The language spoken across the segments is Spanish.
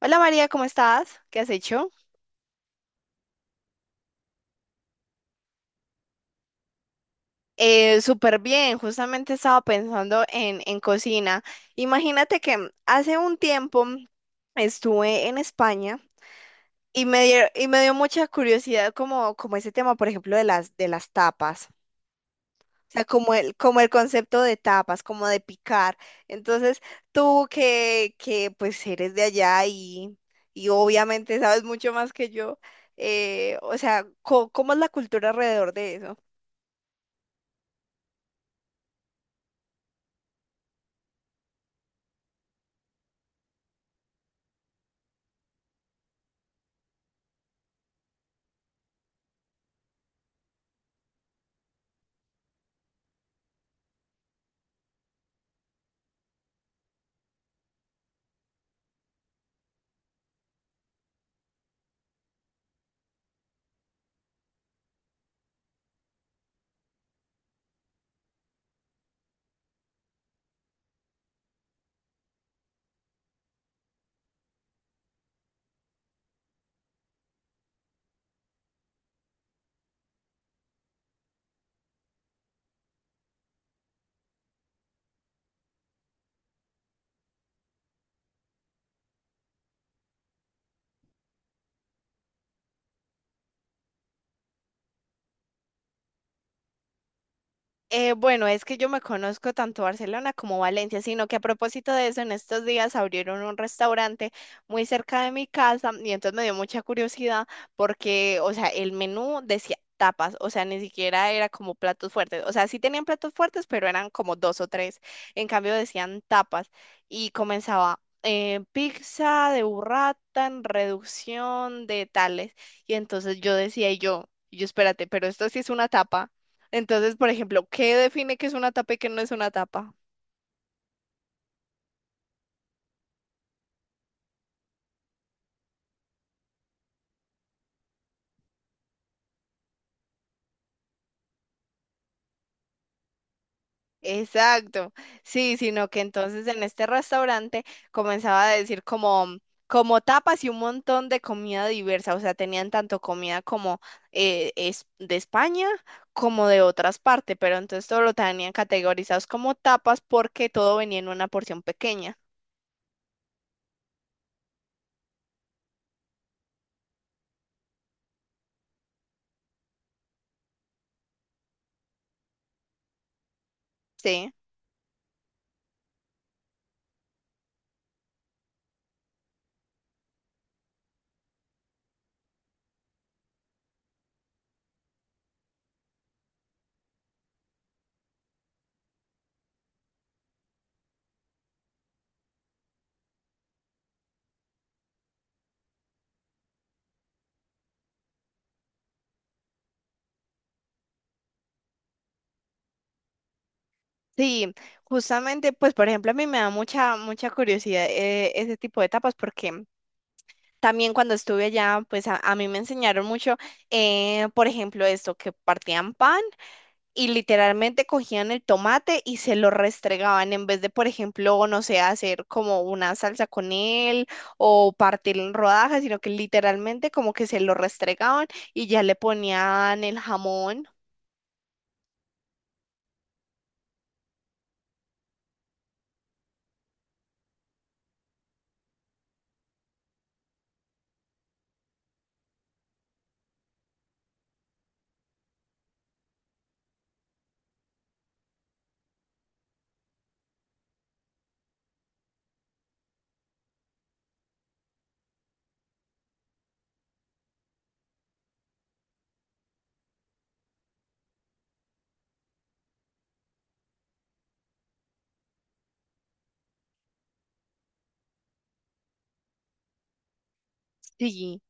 Hola María, ¿cómo estás? ¿Qué has hecho? Súper bien, justamente estaba pensando en cocina. Imagínate que hace un tiempo estuve en España y me dio mucha curiosidad como ese tema, por ejemplo, de las tapas. O sea, como el concepto de tapas, como de picar. Entonces, tú que pues eres de allá y obviamente sabes mucho más que yo, o sea, ¿cómo es la cultura alrededor de eso? Bueno, es que yo me conozco tanto Barcelona como Valencia, sino que a propósito de eso, en estos días abrieron un restaurante muy cerca de mi casa y entonces me dio mucha curiosidad porque, o sea, el menú decía tapas, o sea, ni siquiera era como platos fuertes, o sea, sí tenían platos fuertes, pero eran como dos o tres, en cambio decían tapas y comenzaba pizza de burrata en reducción de tales y entonces yo decía y yo espérate, pero esto sí es una tapa. Entonces, por ejemplo, ¿qué define que es una tapa y qué no es una tapa? Exacto, sí, sino que entonces en este restaurante comenzaba a decir como, como tapas y un montón de comida diversa, o sea, tenían tanto comida como de España como de otras partes, pero entonces todo lo tenían categorizados como tapas porque todo venía en una porción pequeña, ¿sí? Sí, justamente, pues por ejemplo, a mí me da mucha curiosidad ese tipo de tapas porque... También cuando estuve allá, pues a mí me enseñaron mucho, por ejemplo, esto, que partían pan y literalmente cogían el tomate y se lo restregaban en vez de, por ejemplo, no sé, hacer como una salsa con él o partirlo en rodajas, sino que literalmente como que se lo restregaban y ya le ponían el jamón. Sí.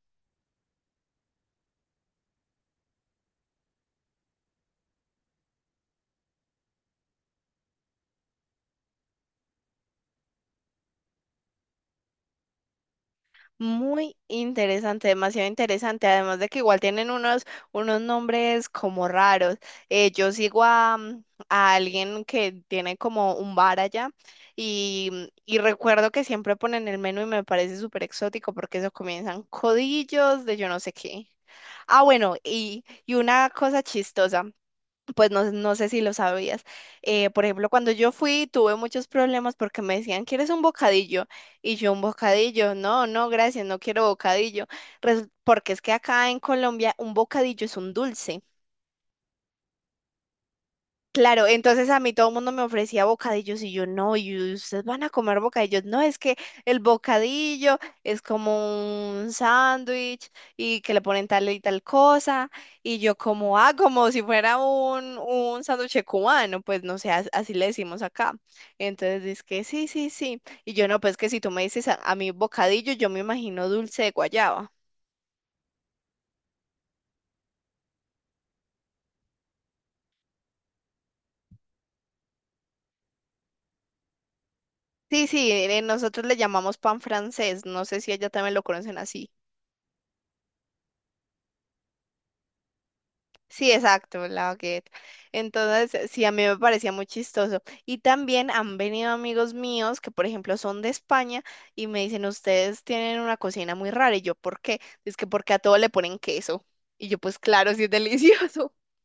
Muy interesante, demasiado interesante. Además de que igual tienen unos, unos nombres como raros. Yo sigo a alguien que tiene como un bar allá y, y recuerdo que siempre ponen el menú y me parece súper exótico porque eso comienzan codillos de yo no sé qué. Ah, bueno, y una cosa chistosa pues no, no sé si lo sabías. Por ejemplo, cuando yo fui tuve muchos problemas porque me decían, ¿quieres un bocadillo? Y yo un bocadillo, no, no, gracias, no quiero bocadillo. Porque es que acá en Colombia un bocadillo es un dulce. Claro, entonces a mí todo el mundo me ofrecía bocadillos y yo no, y ustedes van a comer bocadillos. No, es que el bocadillo es como un sándwich y que le ponen tal y tal cosa. Y yo como, ah, como si fuera un sándwich cubano, pues no sé, así le decimos acá. Entonces dice que sí, sí, sí. Y yo no, pues que si tú me dices a mí bocadillo, yo me imagino dulce de guayaba. Sí, sí, nosotros le llamamos pan francés, no sé si ella también lo conocen así. Sí, exacto, la baguette. Entonces, sí, a mí me parecía muy chistoso. Y también han venido amigos míos que, por ejemplo, son de España y me dicen, ustedes tienen una cocina muy rara. Y yo, ¿por qué? Es que porque a todo le ponen queso. Y yo, pues claro, sí es delicioso.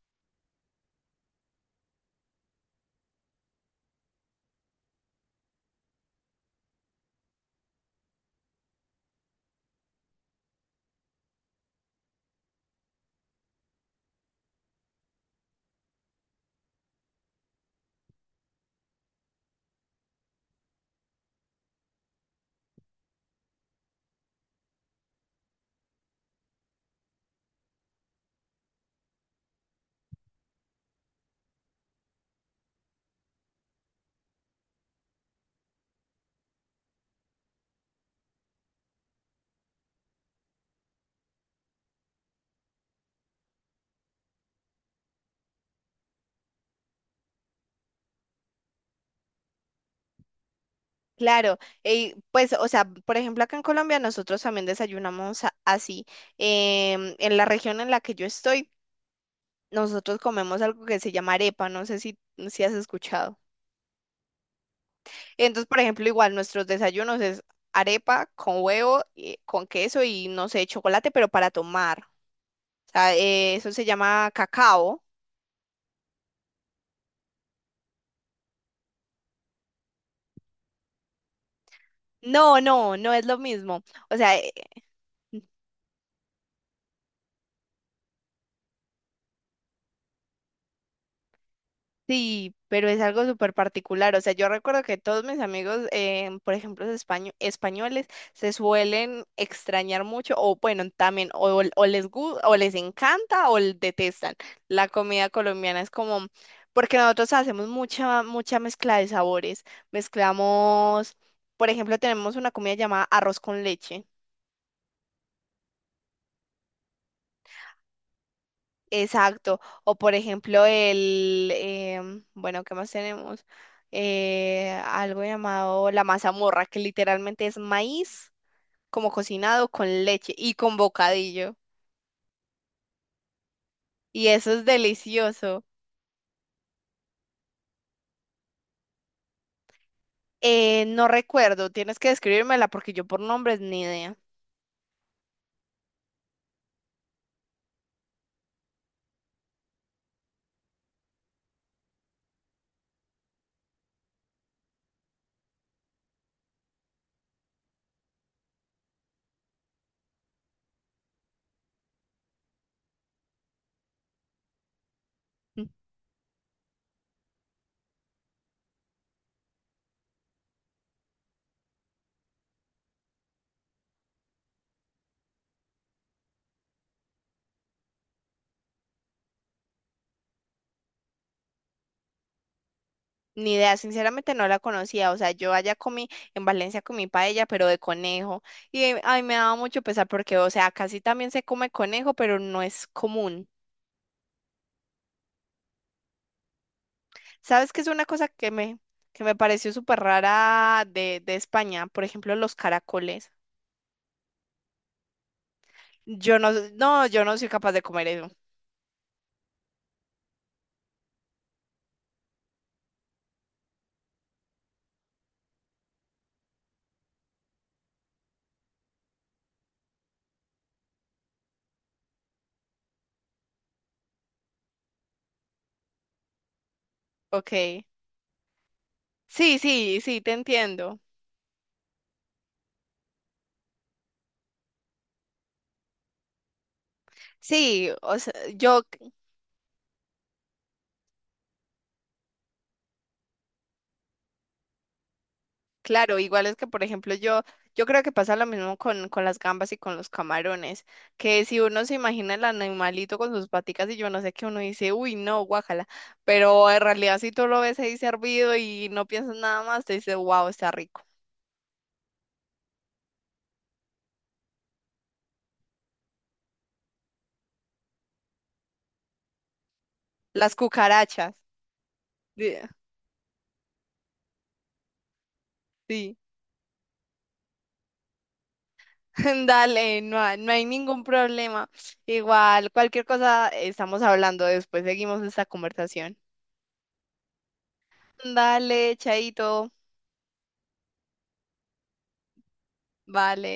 Claro, y pues, o sea, por ejemplo, acá en Colombia nosotros también desayunamos así. En la región en la que yo estoy, nosotros comemos algo que se llama arepa. No sé si has escuchado. Entonces, por ejemplo, igual nuestros desayunos es arepa con huevo, con queso y no sé, chocolate, pero para tomar. O sea, eso se llama cacao. No, no, no es lo mismo. O sea, sí, pero es algo súper particular. O sea, yo recuerdo que todos mis amigos, por ejemplo, los españoles, se suelen extrañar mucho o bueno, también o les o les encanta o detestan. La comida colombiana es como, porque nosotros hacemos mucha mezcla de sabores. Mezclamos, por ejemplo, tenemos una comida llamada arroz con leche. Exacto. O por ejemplo, el, bueno, ¿qué más tenemos? Algo llamado la mazamorra, que literalmente es maíz como cocinado con leche y con bocadillo. Y eso es delicioso. No recuerdo, tienes que describírmela porque yo por nombres ni idea. Mm. Ni idea, sinceramente no la conocía. O sea, yo allá comí, en Valencia comí paella, pero de conejo. Y ay, me daba mucho pesar porque, o sea, casi también se come conejo, pero no es común. ¿Sabes qué es una cosa que que me pareció súper rara de España? Por ejemplo, los caracoles. Yo no, no, yo no soy capaz de comer eso. Ok. Sí, sí, sí, te entiendo. Sí, o sea, claro, igual es que, por ejemplo, yo creo que pasa lo mismo con las gambas y con los camarones, que si uno se imagina el animalito con sus paticas y yo no sé qué, uno dice, uy, no, guácala, pero en realidad si tú lo ves ahí servido y no piensas nada más, te dice, wow, está rico. Las cucarachas. Sí, sí. Dale, no, no hay ningún problema. Igual, cualquier cosa estamos hablando después, seguimos esta conversación. Dale, chaito. Vale.